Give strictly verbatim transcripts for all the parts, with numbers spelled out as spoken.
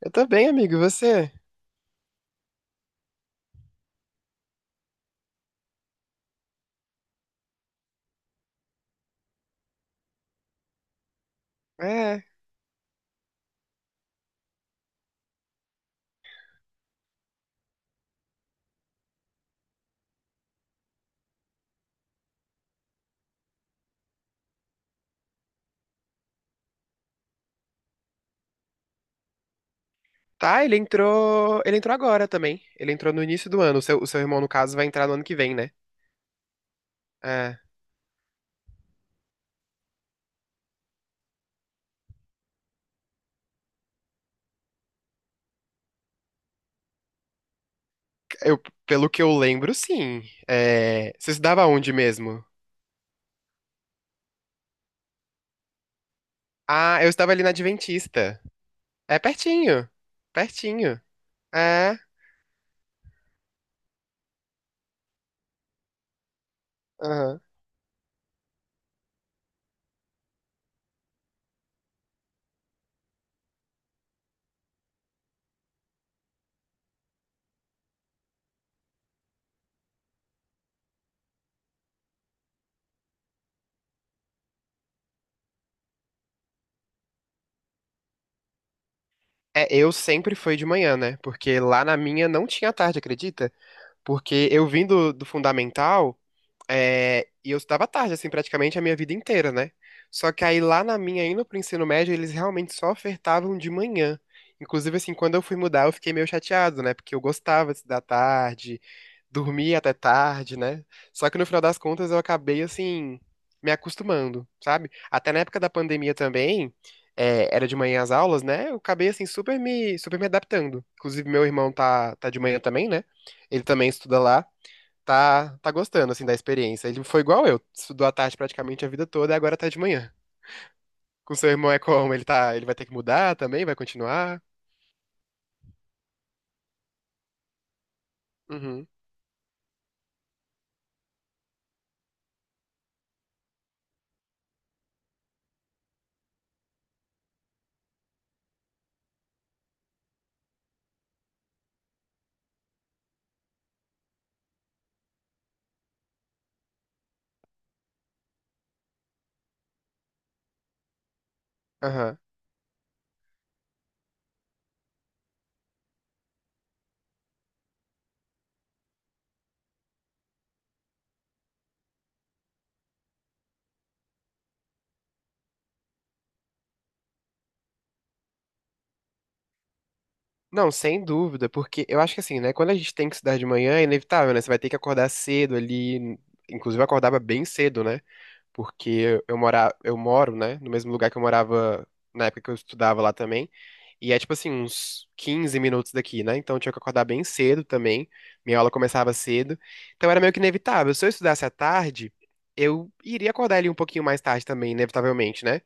Eu tô bem, amigo. E você? É. Tá, ele entrou. Ele entrou agora também. Ele entrou no início do ano. O seu, o seu irmão, no caso, vai entrar no ano que vem, né? É. Eu, pelo que eu lembro, sim. É, você estudava onde mesmo? Ah, eu estava ali na Adventista. É pertinho. Pertinho. É. Aham. É, eu sempre fui de manhã, né? Porque lá na minha não tinha tarde, acredita? Porque eu vim do, do fundamental. É, e eu estudava tarde, assim, praticamente a minha vida inteira, né? Só que aí lá na minha, indo pro ensino médio, eles realmente só ofertavam de manhã. Inclusive, assim, quando eu fui mudar, eu fiquei meio chateado, né? Porque eu gostava de estudar tarde, dormia até tarde, né? Só que no final das contas eu acabei, assim, me acostumando, sabe? Até na época da pandemia também, é, era de manhã as aulas, né? Eu acabei, assim, super me, super me adaptando. Inclusive, meu irmão tá, tá de manhã também, né? Ele também estuda lá tá, tá gostando, assim, da experiência. Ele foi igual eu, estudou à tarde praticamente a vida toda e agora tá de manhã. Com seu irmão é como? Ele tá, ele vai ter que mudar também? Vai continuar? Uhum, aham. Não, sem dúvida, porque eu acho que assim, né, quando a gente tem que estudar de manhã, é inevitável, né? Você vai ter que acordar cedo ali, inclusive eu acordava bem cedo, né? Porque eu mora, eu moro, né, no mesmo lugar que eu morava na época que eu estudava lá também. E é tipo assim, uns quinze minutos daqui, né? Então eu tinha que acordar bem cedo também. Minha aula começava cedo. Então era meio que inevitável. Se eu estudasse à tarde, eu iria acordar ali um pouquinho mais tarde também, inevitavelmente, né?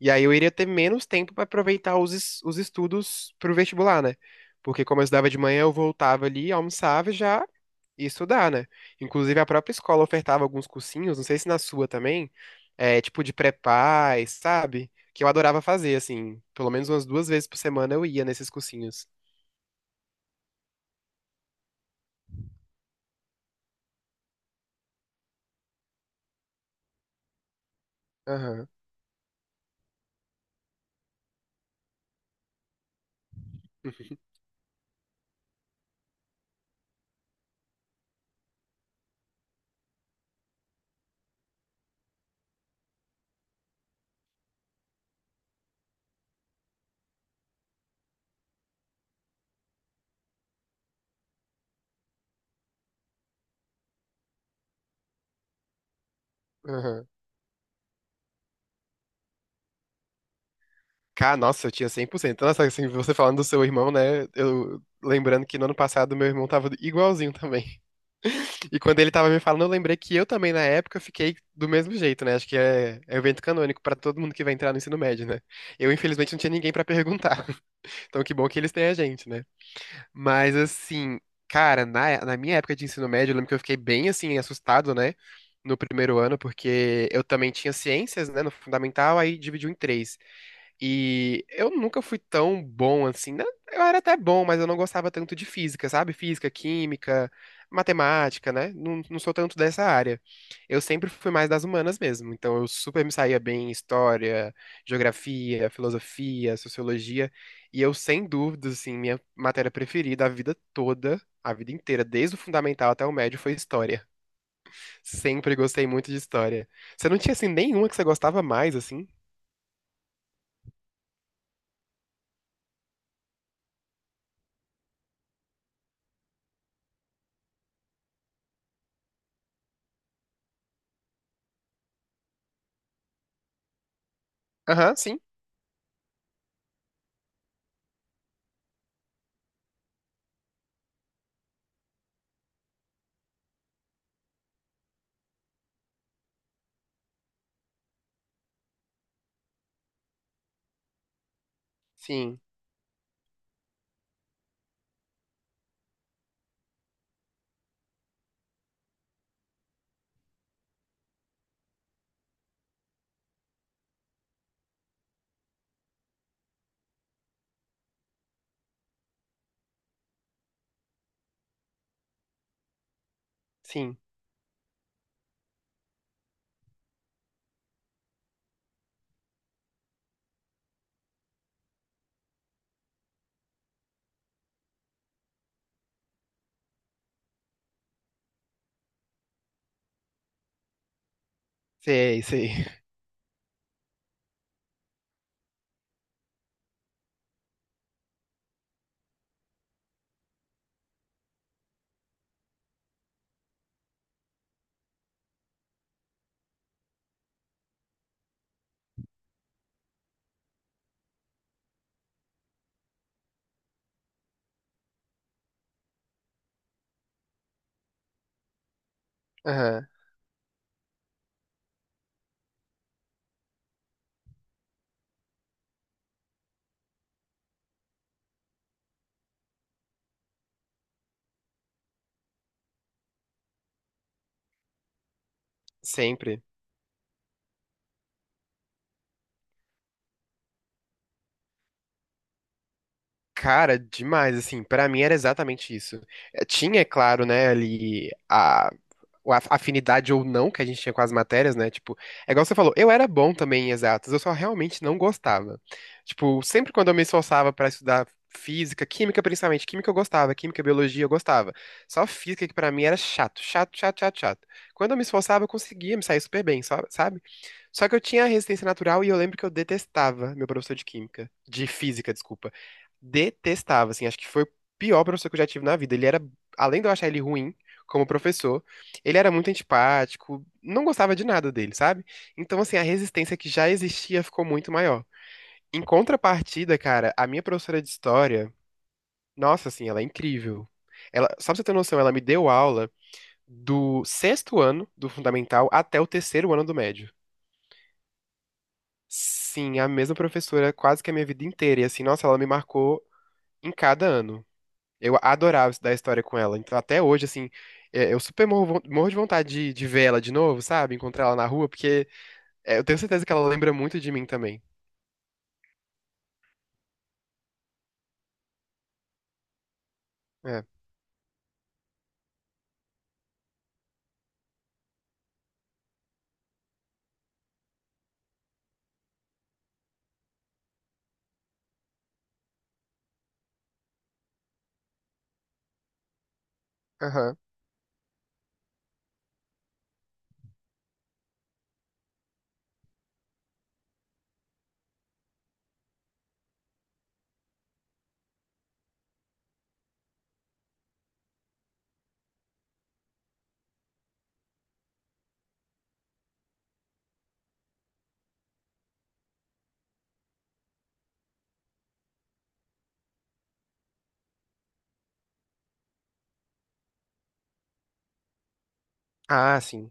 E aí eu iria ter menos tempo para aproveitar os, es- os estudos pro vestibular, né? Porque como eu estudava de manhã, eu voltava ali, almoçava e já ia estudar, né? Inclusive a própria escola ofertava alguns cursinhos, não sei se na sua também é, tipo de pré-paz, sabe? Que eu adorava fazer, assim. Pelo menos umas duas vezes por semana eu ia nesses cursinhos. Aham. Aham. Cara, nossa, eu tinha cem por cento. Nossa, assim, você falando do seu irmão, né? Eu lembrando que no ano passado meu irmão tava igualzinho também. E quando ele tava me falando, eu lembrei que eu também, na época, fiquei do mesmo jeito, né? Acho que é, é evento canônico pra todo mundo que vai entrar no ensino médio, né? Eu, infelizmente, não tinha ninguém pra perguntar. Então, que bom que eles têm a gente, né? Mas assim, cara, na, na minha época de ensino médio, eu lembro que eu fiquei bem assim, assustado, né? No primeiro ano, porque eu também tinha ciências, né? No fundamental, aí dividiu em três. E eu nunca fui tão bom assim, né? Eu era até bom, mas eu não gostava tanto de física, sabe? Física, química, matemática, né? Não, não sou tanto dessa área. Eu sempre fui mais das humanas mesmo. Então eu super me saía bem em história, geografia, filosofia, sociologia. E eu, sem dúvidas, assim, minha matéria preferida a vida toda, a vida inteira, desde o fundamental até o médio, foi história. Sempre gostei muito de história. Você não tinha, assim, nenhuma que você gostava mais, assim? Aham, sim. Sim, sim. Sei, sei. Aham, sempre. Cara, demais, assim, pra mim era exatamente isso. Eh, Tinha, é claro, né, ali a, o af- afinidade ou não que a gente tinha com as matérias, né, tipo, é igual você falou, eu era bom também em exatas, eu só realmente não gostava. Tipo, sempre quando eu me esforçava pra estudar física, química principalmente, química eu gostava, química, biologia eu gostava. Só física que pra mim era chato, chato, chato, chato, chato. Quando eu me esforçava, eu conseguia me sair super bem, só- sabe? Só que eu tinha resistência natural e eu lembro que eu detestava meu professor de química. De física, desculpa. Detestava, assim. Acho que foi o pior professor que eu já tive na vida. Ele era, além de eu achar ele ruim como professor, ele era muito antipático. Não gostava de nada dele, sabe? Então, assim, a resistência que já existia ficou muito maior. Em contrapartida, cara, a minha professora de história, nossa, assim, ela é incrível. Ela, só pra você ter noção, ela me deu aula do sexto ano do fundamental até o terceiro ano do médio. Sim, a mesma professora quase que a minha vida inteira. E assim, nossa, ela me marcou em cada ano. Eu adorava estudar história com ela. Então, até hoje, assim, é, eu super morro, von- morro de vontade de, de ver ela de novo, sabe? Encontrar ela na rua, porque é, eu tenho certeza que ela lembra muito de mim também. É. Aham. Ah, sim.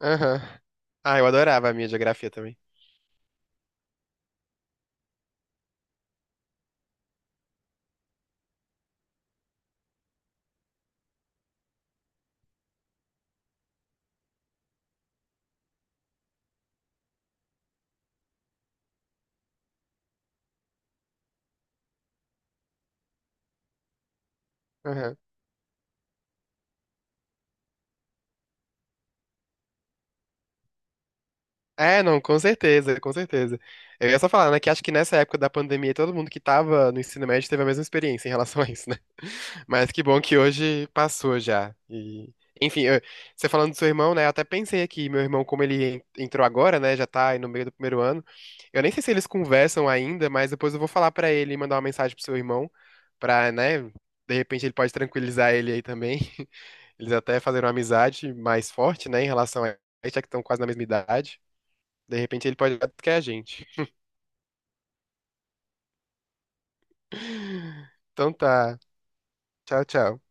Aham. Ah, eu adorava a minha geografia também. Aham. É, não, com certeza, com certeza. Eu ia só falar, né, que acho que nessa época da pandemia todo mundo que tava no ensino médio teve a mesma experiência em relação a isso, né? Mas que bom que hoje passou já. E, enfim, eu- você falando do seu irmão, né, eu até pensei aqui, meu irmão, como ele en- entrou agora, né, já tá aí no meio do primeiro ano, eu nem sei se eles conversam ainda, mas depois eu vou falar pra ele e mandar uma mensagem pro seu irmão, pra, né, de repente ele pode tranquilizar ele aí também. Eles até fazer uma amizade mais forte, né, em relação a isso, já que estão quase na mesma idade. De repente ele pode olhar que é a gente. Então tá. Tchau, tchau.